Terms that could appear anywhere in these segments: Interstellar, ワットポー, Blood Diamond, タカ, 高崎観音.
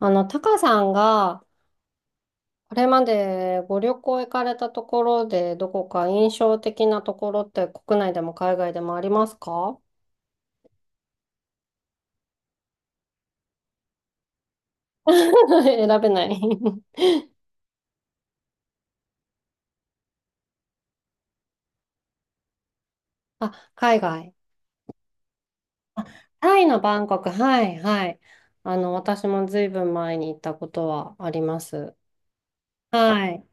タカさんが、これまでご旅行行かれたところで、どこか印象的なところって国内でも海外でもありますか？ 選べない。 あ、海外。タイのバンコク。はい、はい。私もずいぶん前に行ったことはあります。はい。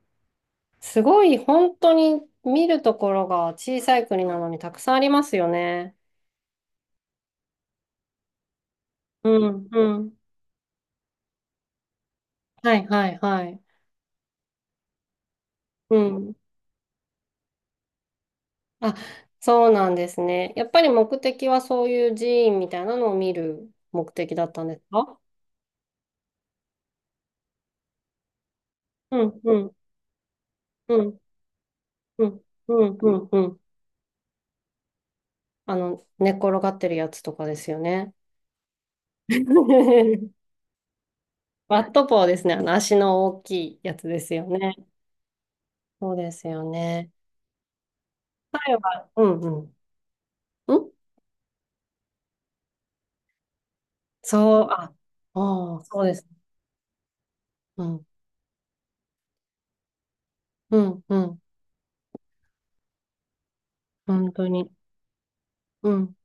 すごい、本当に見るところが小さい国なのにたくさんありますよね。うん、うん。はい、はい、はい。うん。あ、そうなんですね。やっぱり目的はそういう寺院みたいなのを見る目的だったんですか？うん、うん、うん、うん、うん、うん、うん。寝っ転がってるやつとかですよね。ワットポーですね。足の大きいやつですよね。そうですよね。彼は、うん、うん。んそう、あ、ああ、そうです。うん、うん、うん。本当に。うん。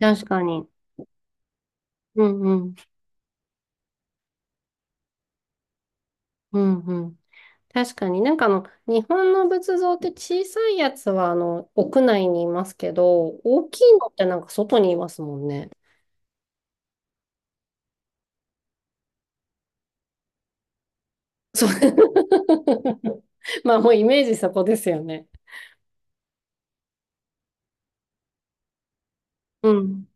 確かに。うん、うん、うん、うん。確かになんか日本の仏像って小さいやつは屋内にいますけど、大きいのってなんか外にいますもんね。そう。まあもうイメージそこですよね。うん。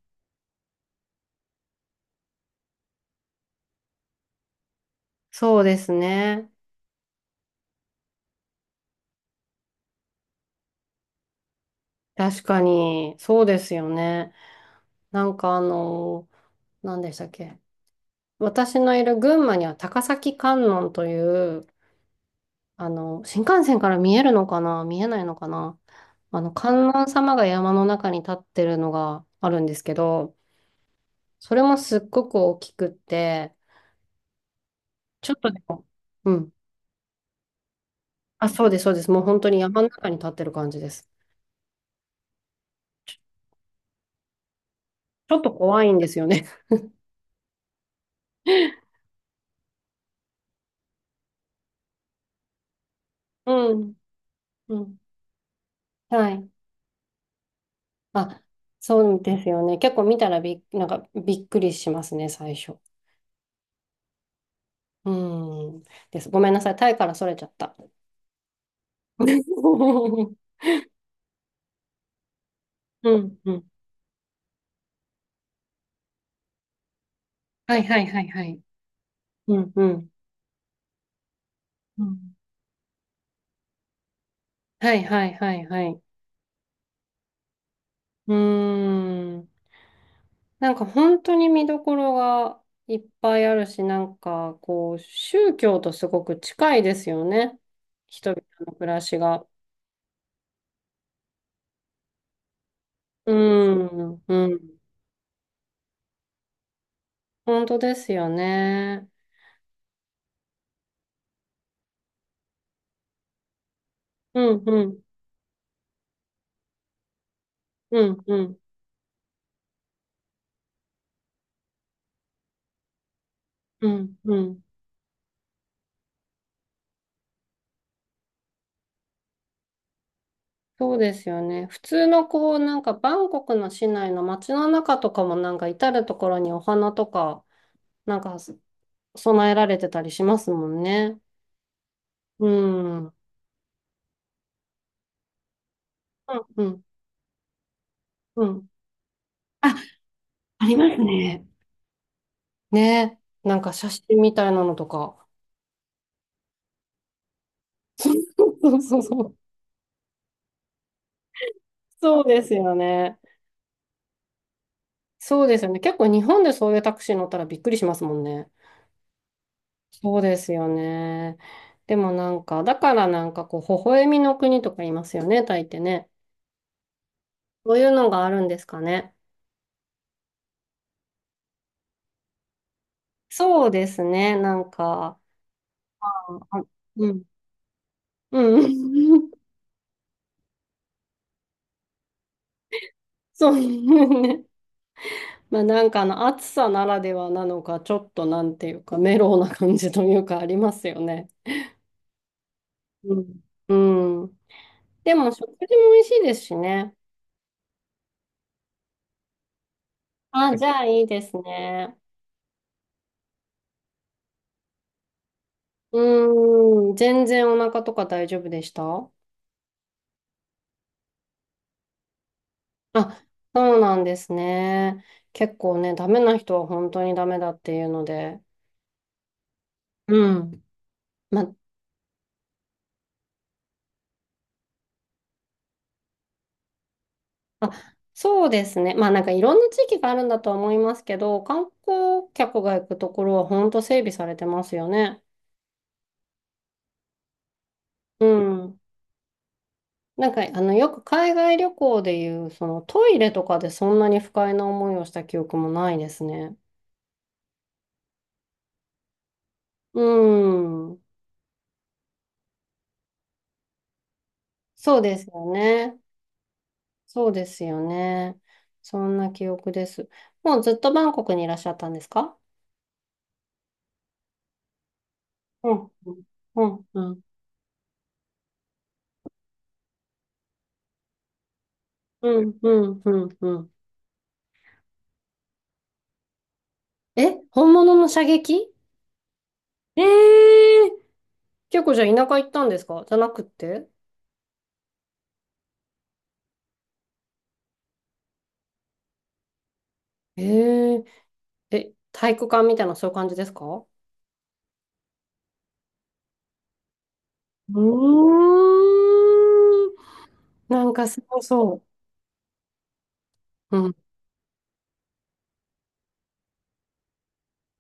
そうですね。確かに、そうですよね。なんか何でしたっけ。私のいる群馬には高崎観音という、新幹線から見えるのかな、見えないのかな、観音様が山の中に立ってるのがあるんですけど、それもすっごく大きくって、ちょっとでも、うん。あ、そうです、そうです。もう本当に山の中に立ってる感じです。ちょっと怖いんですよね。うん。うん。はい。あ、そうですよね。結構見たらなんかびっくりしますね、最初。うん。です。ごめんなさい。タイからそれちゃった。うん。うん。はいはいはいはい。うんうん。うん。はいはいはいはい。うーん。なんか本当に見どころがいっぱいあるし、なんかこう、宗教とすごく近いですよね。人々の暮らしが。うーん、うん。本当ですよね。うん、うん、うん、うん、うん、うん。そうですよね。普通のこう、なんかバンコクの市内の街の中とかもなんか至るところにお花とか、なんか供えられてたりしますもんね。うん。うん、うん、うん。あ、ありますね。ね。なんか写真みたいなのとか。そうそうそう。そうですよね。そうですよね。結構日本でそういうタクシー乗ったらびっくりしますもんね。そうですよね。でもなんか、だからなんかこう、微笑みの国とか言いますよね、タイってね。そういうのがあるんですかね。そうですね。なんか、あ、うん。うん。そうね。まあなんかあの暑さならではなのか、ちょっとなんていうか、メロウな感じというかありますよね。うん。うん。でも食事も美味しいですしね。あ、じゃあいいですね。うーん。全然お腹とか大丈夫でした？あ、そうなんですね。結構ね、ダメな人は本当にダメだっていうので。うん。まあ、そうですね。まあなんかいろんな地域があるんだとは思いますけど、観光客が行くところは本当整備されてますよね。うん。なんか、よく海外旅行でいう、そのトイレとかでそんなに不快な思いをした記憶もないですね。うん。そうですよね。そうですよね。そんな記憶です。もうずっとバンコクにいらっしゃったんですか？うん。うん。うん。うん。うん。うん。うん。え、本物の射撃？ええー。結構じゃあ田舎行ったんですか？じゃなくって？ええー。え、体育館みたいなそういう感じですか？うーん。なんかすごそう。うん。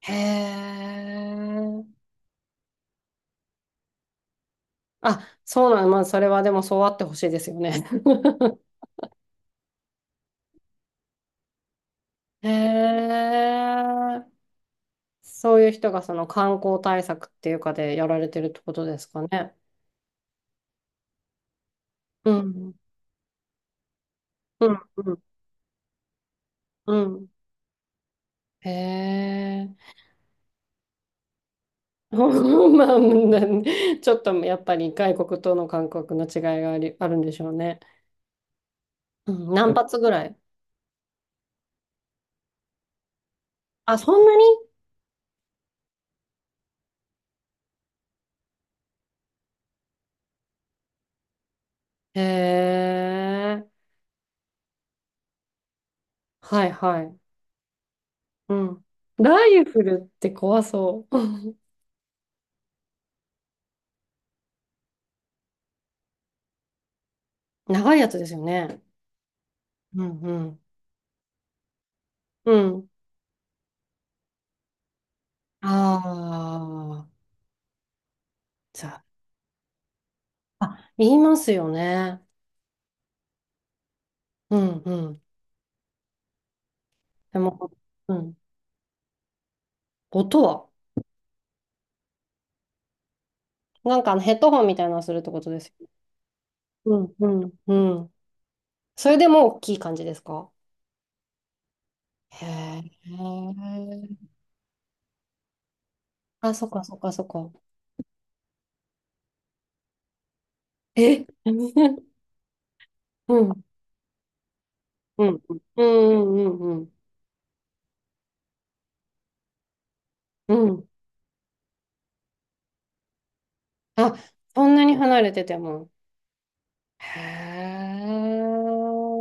へえ。あ、そうなん、まあ、それはでもそうあってほしいですよね。へえ。そういう人がその観光対策っていうかでやられてるってことですかね。うん。うん。うん。うん。へえ。まあ、ちょっとやっぱり外国との感覚の違いがあり、あるんでしょうね。うん、何発ぐらい？あ、そんなに？へえ。はいはい。うん。ライフルって怖そう。長いやつですよね。うんうん。うん。ああ。じゃあ。あ、言いますよね。うんうん。でも、うん。音は。なんかあのヘッドホンみたいなのするってことですよね。うんうんうん。それでもう大きい感じですか？へえ。あ、そっかそっかそっか。え。 うん。うん。うんうんうんうんうん。あ、そんなに離れてても。へえ。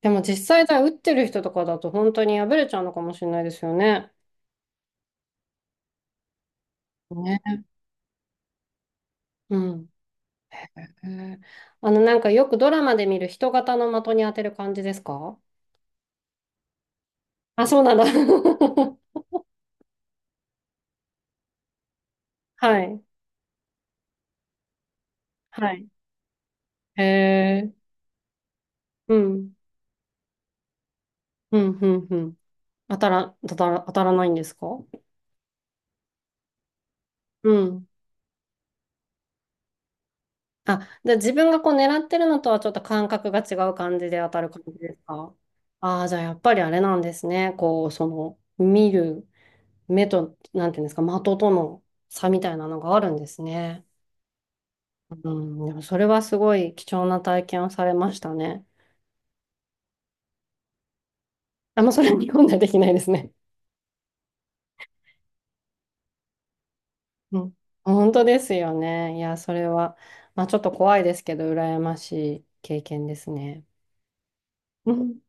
でも実際だ、打ってる人とかだと本当に破れちゃうのかもしれないですよね。ね。うん。へえ。なんかよくドラマで見る人型の的に当てる感じですか？あ、そうなんだ。はい。はい。へえ。うん。うん、うん、うん。当たらないんですか？うん。あ、じゃあ自分がこう狙ってるのとはちょっと感覚が違う感じで当たる感じですか？ああー、じゃあやっぱりあれなんですね。こう、その、見る目と、なんていうんですか、的との差みたいなのがあるんですね。うん、でもそれはすごい貴重な体験をされましたね。あ、もうそれは日本ではできないですね。うん。本当ですよね。いや、それは、まあちょっと怖いですけど、羨ましい経験ですね。うん